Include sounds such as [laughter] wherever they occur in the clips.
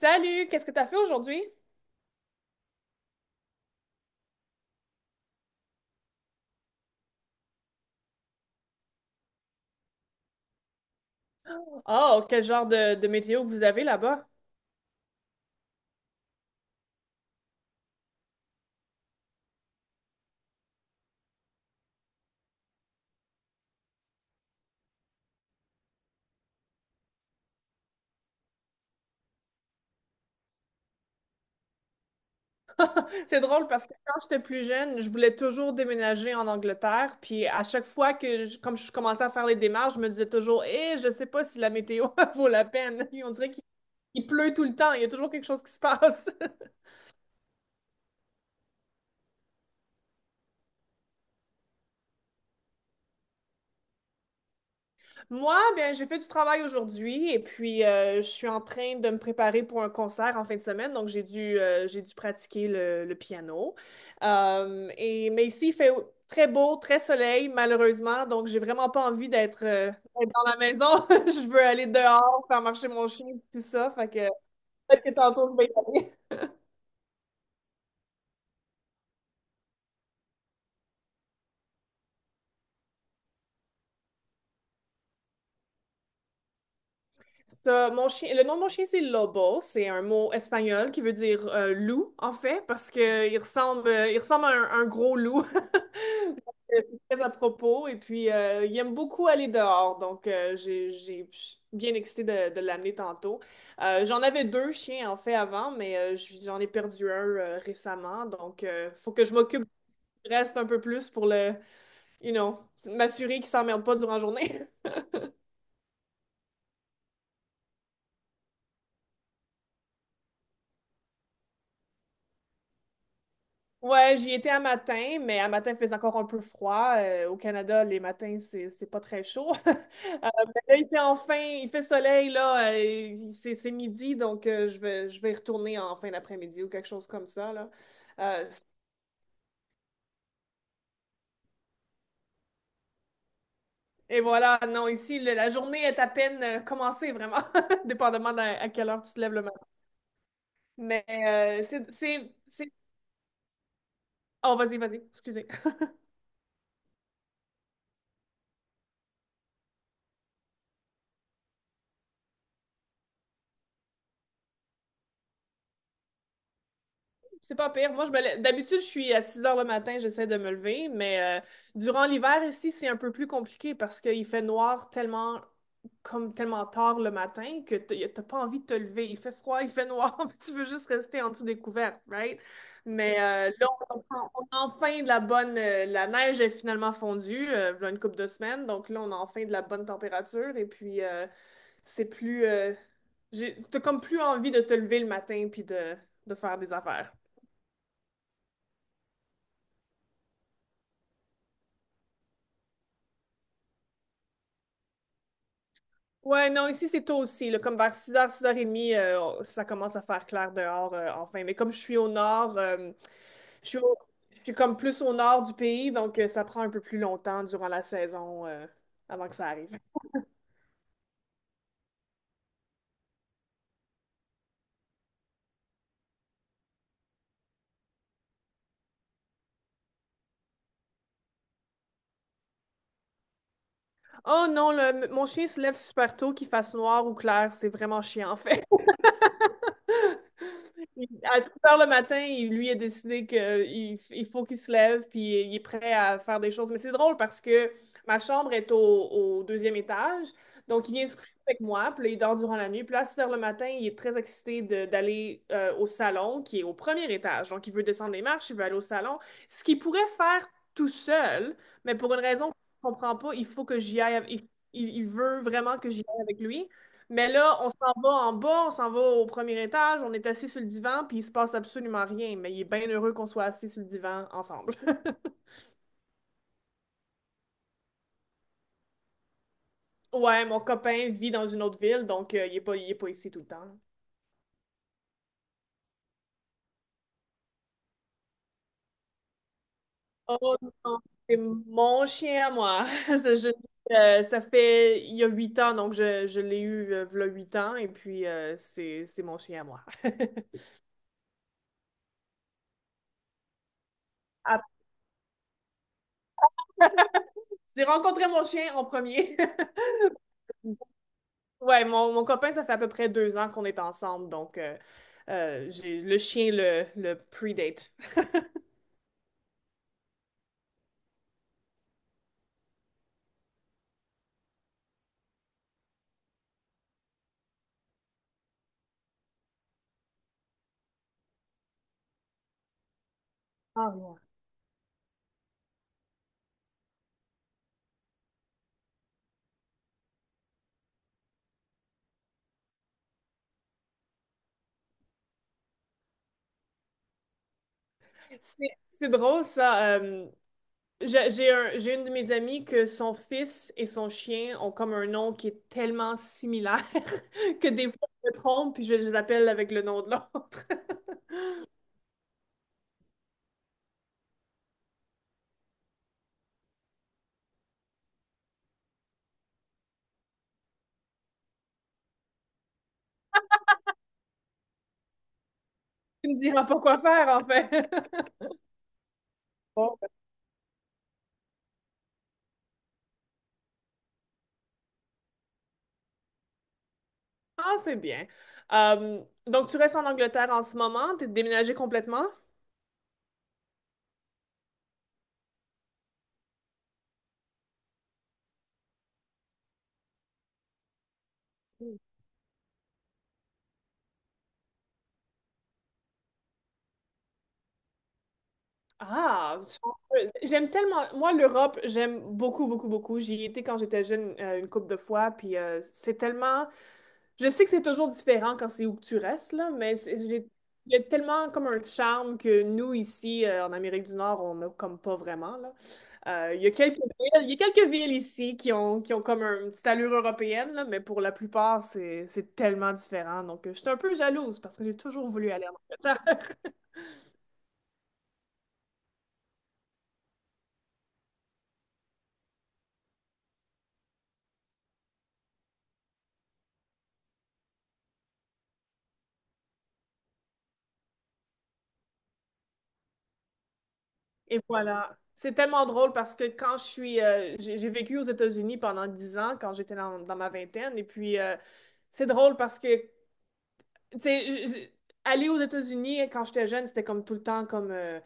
Salut, qu'est-ce que t'as fait aujourd'hui? Oh, quel genre de météo que vous avez là-bas? C'est drôle parce que quand j'étais plus jeune, je voulais toujours déménager en Angleterre. Puis à chaque fois que, comme je commençais à faire les démarches, je me disais toujours, eh, je sais pas si la météo [laughs] vaut la peine. Et on dirait qu'il il pleut tout le temps, il y a toujours quelque chose qui se passe. Moi, ben, j'ai fait du travail aujourd'hui et puis je suis en train de me préparer pour un concert en fin de semaine, donc j'ai dû pratiquer le piano. Mais ici, il fait très beau, très soleil, malheureusement, donc j'ai vraiment pas envie d'être dans la maison. [laughs] Je veux aller dehors, faire marcher mon chien, tout ça, fait que peut-être que tantôt je vais y aller. Ça, mon chien, le nom de mon chien, c'est Lobo. C'est un mot espagnol qui veut dire loup, en fait, parce que il ressemble à un gros loup. [laughs] Donc, c'est très à propos. Et puis, il aime beaucoup aller dehors. Donc, je suis bien excitée de l'amener tantôt. J'en avais deux chiens, en fait, avant, mais j'en ai perdu un récemment. Donc, il faut que je m'occupe du reste un peu plus pour le, you know, m'assurer qu'il s'emmerde pas durant la journée. [laughs] Ouais, j'y étais à matin, mais à matin, il faisait encore un peu froid. Au Canada, les matins, c'est pas très chaud. [laughs] Euh, mais là, il fait enfin, il fait soleil, là. C'est midi, donc je vais y retourner en fin d'après-midi ou quelque chose comme ça, là. Euh, et voilà, non, ici, la journée est à peine commencée, vraiment, [laughs] dépendamment à, quelle heure tu te lèves le matin. Mais Oh, vas-y, vas-y, excusez. C'est pas pire. Moi, d'habitude, je suis à 6 heures le matin, j'essaie de me lever, mais durant l'hiver ici, c'est un peu plus compliqué parce qu'il fait noir tellement tard le matin que t'as pas envie de te lever. Il fait froid, [laughs] il fait noir, [laughs] puis tu veux juste rester en dessous des couvertes, right? Mais là, on a enfin la neige est finalement fondue, il y a une couple de semaines, donc là, on a enfin de la bonne température et puis c'est plus... euh, t'as comme plus envie de te lever le matin puis de faire des affaires. Ouais, non, ici c'est tôt aussi, là, comme vers six heures 30, ça commence à faire clair dehors enfin. Mais comme je suis au nord, je suis, au- je suis comme plus au nord du pays, donc ça prend un peu plus longtemps durant la saison avant que ça arrive. Oh non, mon chien se lève super tôt, qu'il fasse noir ou clair, c'est vraiment chiant en fait. [laughs] À 6 heures le matin, lui a décidé qu'il il faut qu'il se lève, puis il est prêt à faire des choses. Mais c'est drôle parce que ma chambre est au deuxième étage, donc il vient se coucher avec moi, puis là, il dort durant la nuit. Puis là, à 6 heures le matin, il est très excité d'aller au salon, qui est au premier étage. Donc, il veut descendre les marches, il veut aller au salon, ce qu'il pourrait faire tout seul, mais pour une raison qu'on ne comprend pas, il faut que j'y aille. Il veut vraiment que j'y aille avec lui. Mais là, on s'en va en bas, on s'en va au premier étage, on est assis sur le divan, puis il se passe absolument rien. Mais il est bien heureux qu'on soit assis sur le divan ensemble. [laughs] Ouais, mon copain vit dans une autre ville, donc il est pas ici tout le temps. Oh non, c'est mon chien à moi. [laughs] Ça fait il y a huit ans, donc je l'ai eu v'là huit ans, et puis c'est mon chien à moi. [laughs] Ah, j'ai rencontré mon chien en premier. [laughs] Ouais, mon copain, ça fait à peu près deux ans qu'on est ensemble, donc j'ai le chien le predate. Ah, rien. C'est drôle ça. J'ai une de mes amies que son fils et son chien ont comme un nom qui est tellement similaire [laughs] que des fois je me trompe puis je les appelle avec le nom de l'autre. [laughs] Tu me diras pas quoi faire en fait. [laughs] Bon, ah, c'est bien. Donc tu restes en Angleterre en ce moment? T'es déménagé complètement? Ah, j'aime tellement. Moi, l'Europe, j'aime beaucoup, beaucoup, beaucoup. J'y étais quand j'étais jeune une couple de fois, puis c'est tellement. Je sais que c'est toujours différent quand c'est où que tu restes, là, mais il y a tellement comme un charme que nous, ici, en Amérique du Nord, on n'a comme pas vraiment, là. Il y a quelques villes, il y a quelques villes ici qui ont comme une petite allure européenne, là, mais pour la plupart, c'est tellement différent. Donc, je suis un peu jalouse parce que j'ai toujours voulu aller en Angleterre. Et voilà. C'est tellement drôle parce que quand je suis, j'ai vécu aux États-Unis pendant 10 ans quand j'étais dans ma vingtaine. Et puis, c'est drôle parce que tu sais, aller aux États-Unis quand j'étais jeune, c'était comme tout le temps comme euh,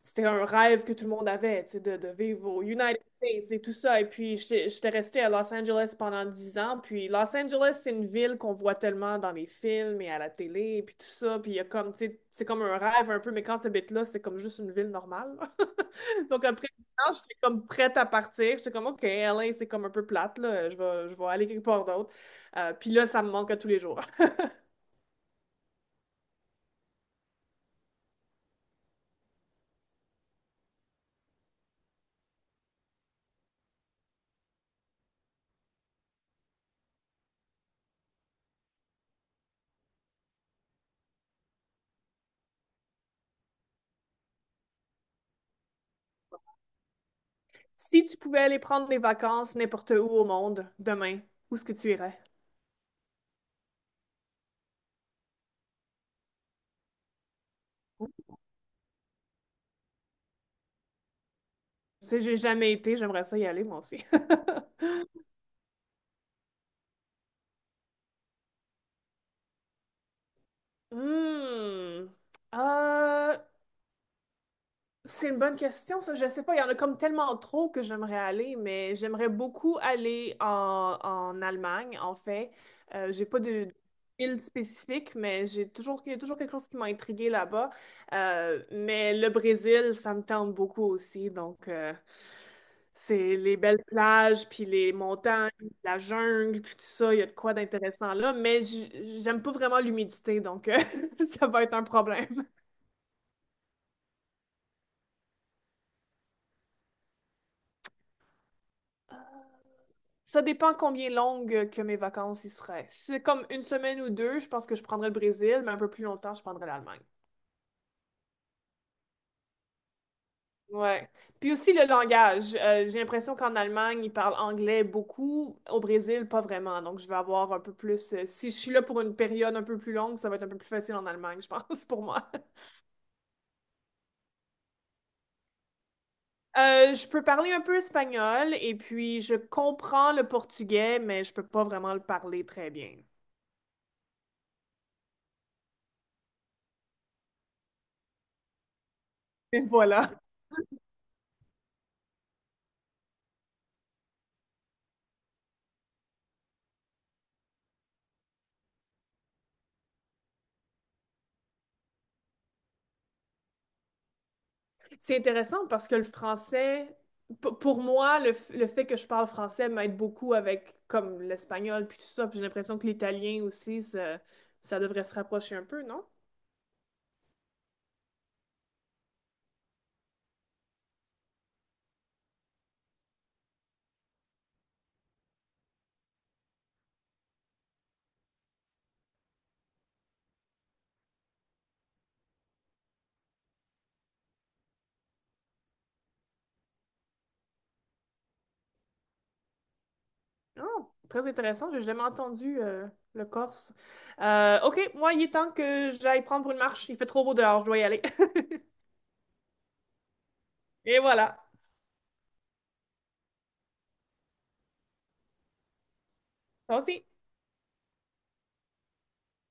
c'était un rêve que tout le monde avait, tu sais, de vivre aux United States et tout ça. Et puis j'étais restée à Los Angeles pendant 10 ans. Puis Los Angeles, c'est une ville qu'on voit tellement dans les films et à la télé et puis tout ça. Puis il y a comme, tu sais, c'est comme un rêve un peu, mais quand t'habites là, c'est comme juste une ville normale. [laughs] Donc après 10 ans, j'étais comme prête à partir. J'étais comme OK, LA, c'est comme un peu plate là. Je vais aller quelque part d'autre. Puis là, ça me manque à tous les jours. Si tu pouvais aller prendre des vacances n'importe où au monde, demain, où est-ce que tu irais? Tu sais, j'ai jamais été, j'aimerais ça y aller moi aussi. [laughs] Hmm. Euh, C'est une bonne question, ça. Je sais pas. Il y en a comme tellement trop que j'aimerais aller, mais j'aimerais beaucoup aller en Allemagne, en fait. J'ai pas de île spécifique, mais il y a toujours quelque chose qui m'a intriguée là-bas. Mais le Brésil, ça me tente beaucoup aussi. Donc, c'est les belles plages, puis les montagnes, la jungle, puis tout ça. Il y a de quoi d'intéressant là. Mais j'aime pas vraiment l'humidité, donc [laughs] ça va être un problème. Ça dépend combien longues que mes vacances y seraient. Si c'est comme une semaine ou deux, je pense que je prendrais le Brésil, mais un peu plus longtemps, je prendrais l'Allemagne. Ouais. Puis aussi le langage. J'ai l'impression qu'en Allemagne, ils parlent anglais beaucoup. Au Brésil, pas vraiment. Donc, je vais avoir un peu plus, si je suis là pour une période un peu plus longue, ça va être un peu plus facile en Allemagne, je pense, [laughs] pour moi. Je peux parler un peu espagnol et puis je comprends le portugais, mais je peux pas vraiment le parler très bien. Et voilà. C'est intéressant parce que le français, pour moi, le fait que je parle français m'aide beaucoup avec comme l'espagnol puis tout ça. Puis j'ai l'impression que l'italien aussi, ça devrait se rapprocher un peu, non? Oh, très intéressant. J'ai jamais entendu le corse. OK, moi, il est temps que j'aille prendre une marche. Il fait trop beau dehors, je dois y aller. [laughs] Et voilà. Toi aussi.